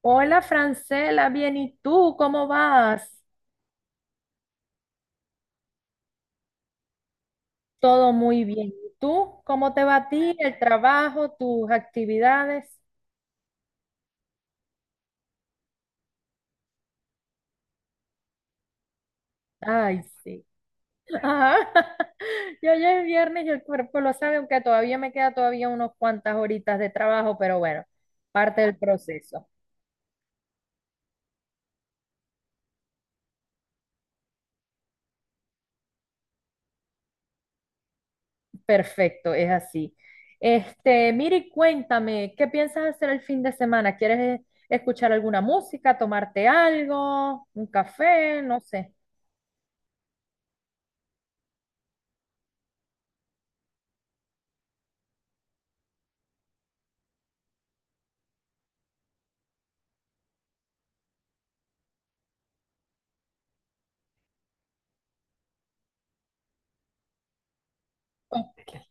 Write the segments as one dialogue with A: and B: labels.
A: Hola Francela, bien, ¿y tú cómo vas? Todo muy bien. ¿Y tú cómo te va a ti, el trabajo, tus actividades? Ay, sí. Ajá. Yo ya es viernes y el cuerpo lo sabe, aunque todavía me queda todavía unas cuantas horitas de trabajo, pero bueno, parte del proceso. Perfecto, es así. Este, Miri, cuéntame, ¿qué piensas hacer el fin de semana? ¿Quieres escuchar alguna música, tomarte algo, un café? No sé. Ok.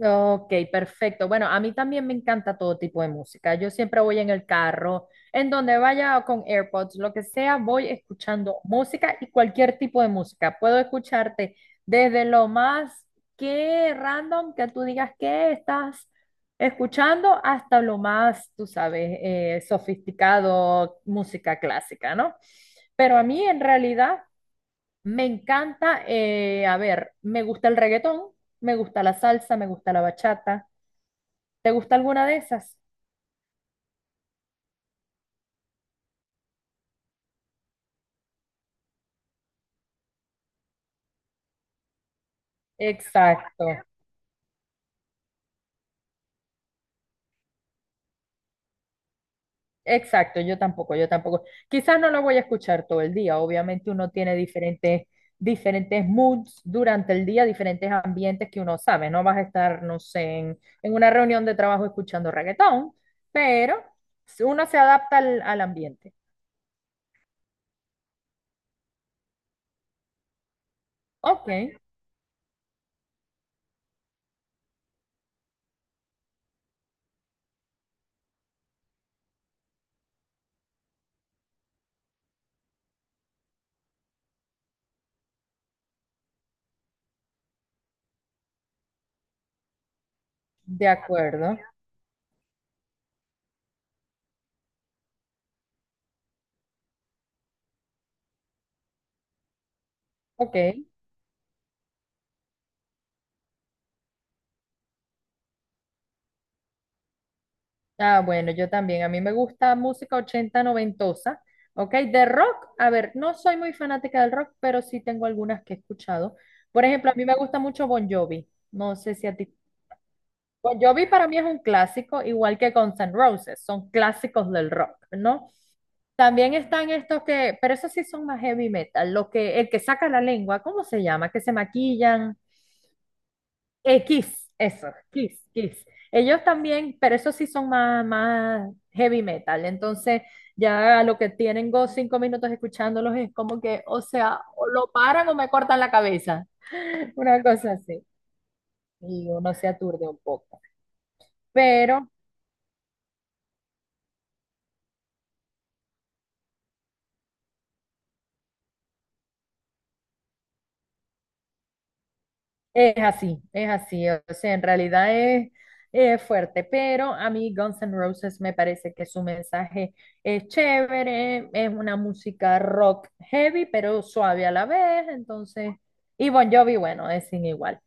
A: Ok, perfecto. Bueno, a mí también me encanta todo tipo de música. Yo siempre voy en el carro, en donde vaya con AirPods, lo que sea, voy escuchando música y cualquier tipo de música. Puedo escucharte desde lo más que random que tú digas que estás escuchando hasta lo más, tú sabes, sofisticado, música clásica, ¿no? Pero a mí en realidad... Me encanta, a ver, me gusta el reggaetón, me gusta la salsa, me gusta la bachata. ¿Te gusta alguna de esas? Exacto, exacto, yo tampoco, yo tampoco. Quizás no la voy a escuchar todo el día, obviamente uno tiene diferentes, diferentes moods durante el día, diferentes ambientes que uno sabe. No vas a estar, no sé, en una reunión de trabajo escuchando reggaetón, pero uno se adapta al ambiente. Ok, de acuerdo, ok. Ah, bueno, yo también. A mí me gusta música 80 noventosa. Ok, de rock, a ver, no soy muy fanática del rock, pero sí tengo algunas que he escuchado. Por ejemplo, a mí me gusta mucho Bon Jovi. No sé si a ti. Bon Jovi para mí es un clásico, igual que Guns N' Roses, son clásicos del rock, ¿no? También están estos que, pero esos sí son más heavy metal, lo que, el que saca la lengua, ¿cómo se llama? Que se maquillan. Kiss, eso, Kiss, Kiss. Ellos también, pero esos sí son más, más heavy metal. Entonces, ya lo que tienen go cinco minutos escuchándolos es como que, o sea, o lo paran o me cortan la cabeza. Una cosa así. Y uno se aturde un poco. Pero es así, es así. O sea, en realidad es fuerte, pero a mí Guns N' Roses me parece que su mensaje es chévere, es una música rock heavy, pero suave a la vez. Entonces, y Bon Jovi, bueno, es sin igual.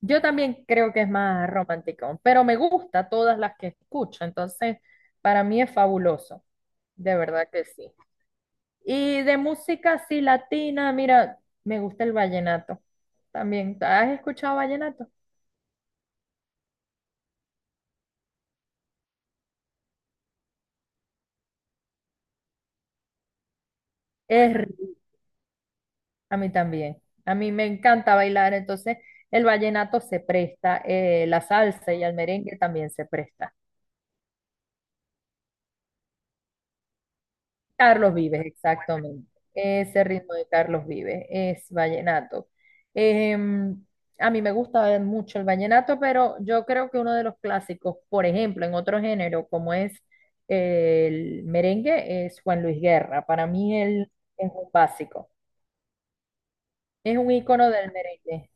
A: Yo también creo que es más romántico, pero me gusta todas las que escucho. Entonces, para mí es fabuloso, de verdad que sí. Y de música así latina, mira, me gusta el vallenato también. ¿Has escuchado vallenato? Es rico, a mí también. A mí me encanta bailar, entonces el vallenato se presta, la salsa y el merengue también se presta. Carlos Vives, exactamente. Ese ritmo de Carlos Vives es vallenato. Em, a mí me gusta mucho el vallenato, pero yo creo que uno de los clásicos, por ejemplo, en otro género como es el merengue, es Juan Luis Guerra. Para mí él es un básico, es un ícono del merengue.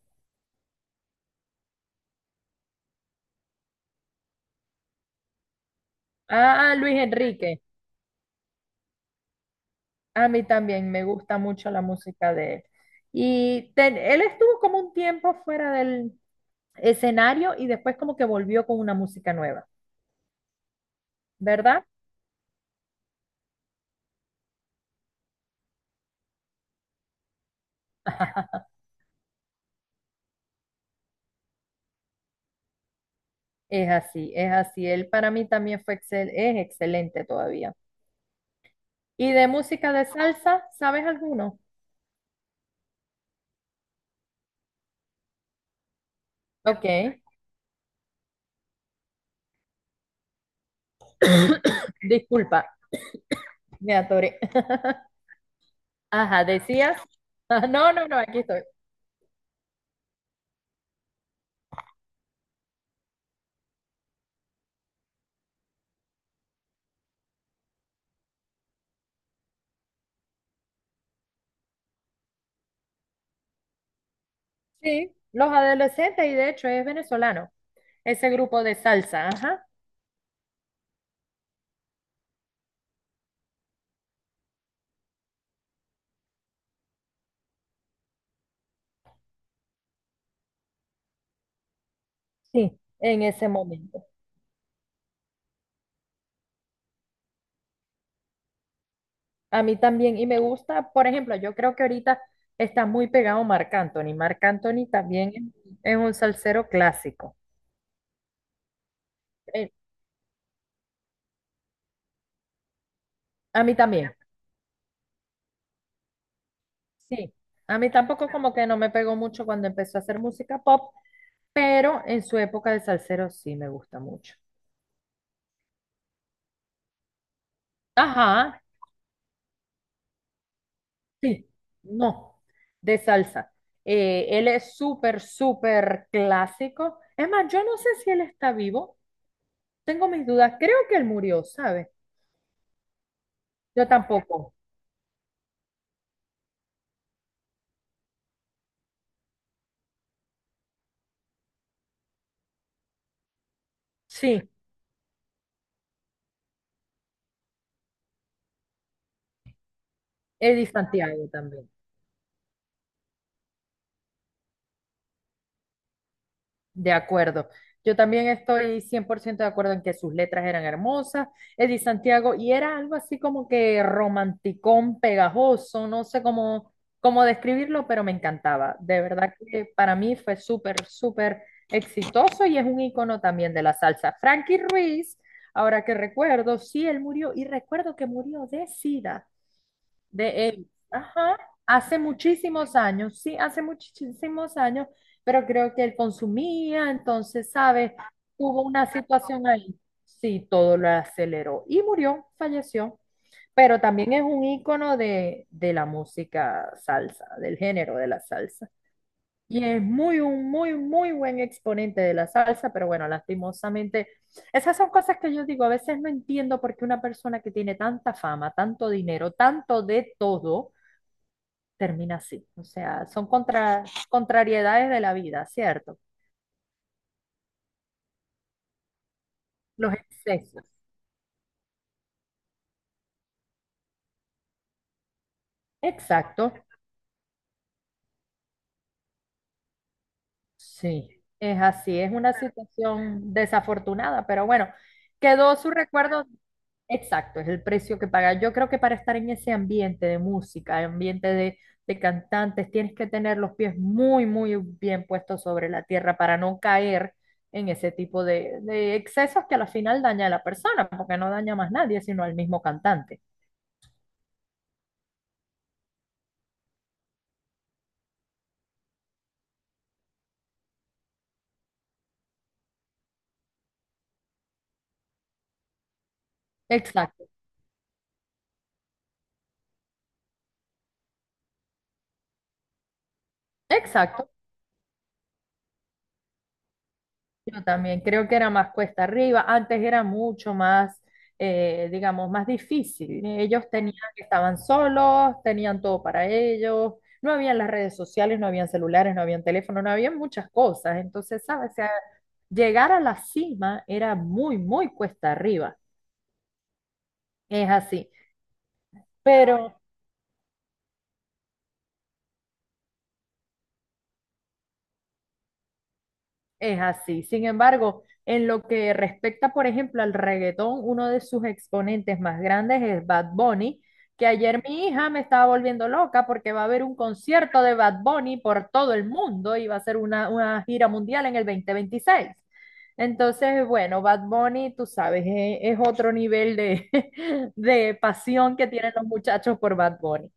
A: Ah, Luis Enrique. A mí también me gusta mucho la música de él. Él estuvo como un tiempo fuera del escenario y después como que volvió con una música nueva, ¿verdad? Es así, es así. Él para mí también es excelente todavía. ¿Y de música de salsa, sabes alguno? Ok, disculpa, me atoré. Ajá, decías. Ah, no, no, no, aquí estoy. Sí, Los Adolescentes y de hecho es venezolano, ese grupo de salsa, ajá. Sí, en ese momento. A mí también, y me gusta, por ejemplo, yo creo que ahorita está muy pegado Marc Anthony. Marc Anthony también es un salsero clásico. Eh, a mí también, sí. A mí tampoco como que no me pegó mucho cuando empezó a hacer música pop, pero en su época de salsero sí me gusta mucho. Ajá, sí, no, de salsa. Él es súper, súper clásico. Es más, yo no sé si él está vivo. Tengo mis dudas. Creo que él murió, ¿sabes? Yo tampoco. Sí. Eddie Santiago también, de acuerdo. Yo también estoy 100% de acuerdo en que sus letras eran hermosas. Eddie Santiago, y era algo así como que romanticón, pegajoso, no sé cómo, cómo describirlo, pero me encantaba. De verdad que para mí fue súper, súper exitoso y es un icono también de la salsa. Frankie Ruiz, ahora que recuerdo, sí, él murió y recuerdo que murió de SIDA. De él. Ajá. Hace muchísimos años, sí, hace muchísimos años, pero creo que él consumía, entonces, ¿sabes? Hubo una situación ahí. Sí, todo lo aceleró y murió, falleció. Pero también es un ícono de la música salsa, del género de la salsa. Y es muy, un muy, muy buen exponente de la salsa, pero bueno, lastimosamente, esas son cosas que yo digo, a veces no entiendo por qué una persona que tiene tanta fama, tanto dinero, tanto de todo, termina así. O sea, son contra, contrariedades de la vida, ¿cierto? Los excesos. Exacto, sí, es así, es una situación desafortunada, pero bueno, quedó su recuerdo, exacto, es el precio que paga. Yo creo que para estar en ese ambiente de música, ambiente de cantantes, tienes que tener los pies muy, muy bien puestos sobre la tierra para no caer en ese tipo de excesos que a la final daña a la persona, porque no daña más nadie, sino al mismo cantante. Exacto. Exacto, yo también creo que era más cuesta arriba, antes era mucho más, digamos, más difícil. Ellos tenían, estaban solos, tenían todo para ellos, no habían las redes sociales, no habían celulares, no habían teléfono, no habían muchas cosas. Entonces, ¿sabes? O sea, llegar a la cima era muy, muy cuesta arriba, es así. Pero es así. Sin embargo, en lo que respecta, por ejemplo, al reggaetón, uno de sus exponentes más grandes es Bad Bunny, que ayer mi hija me estaba volviendo loca porque va a haber un concierto de Bad Bunny por todo el mundo y va a ser una gira mundial en el 2026. Entonces, bueno, Bad Bunny, tú sabes, es, otro nivel de, de pasión que tienen los muchachos por Bad Bunny.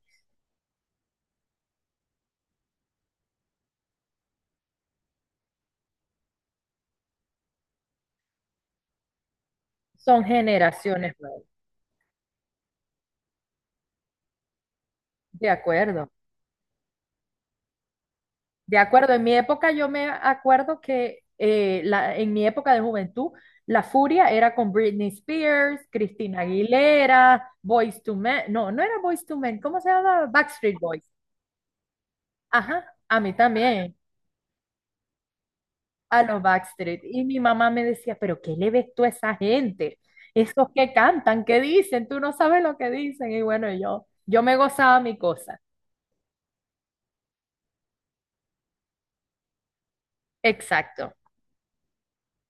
A: Son generaciones nuevas. De acuerdo. De acuerdo, en mi época yo me acuerdo que en mi época de juventud la furia era con Britney Spears, Christina Aguilera, Boyz to Men, no, no era Boyz to Men, ¿cómo se llama Backstreet Boys. Ajá, a mí también, a los Backstreet. Y mi mamá me decía, pero ¿qué le ves tú a esa gente? Esos que cantan, ¿qué dicen? Tú no sabes lo que dicen. Y bueno, yo me gozaba mi cosa. Exacto.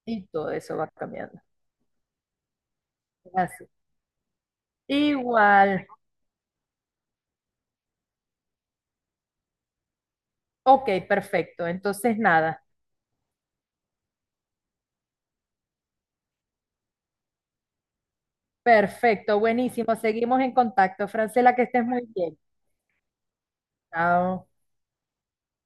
A: Y todo eso va cambiando. Así. Igual. Ok, perfecto. Entonces, nada. Perfecto, buenísimo. Seguimos en contacto. Francela, que estés muy bien. Chao.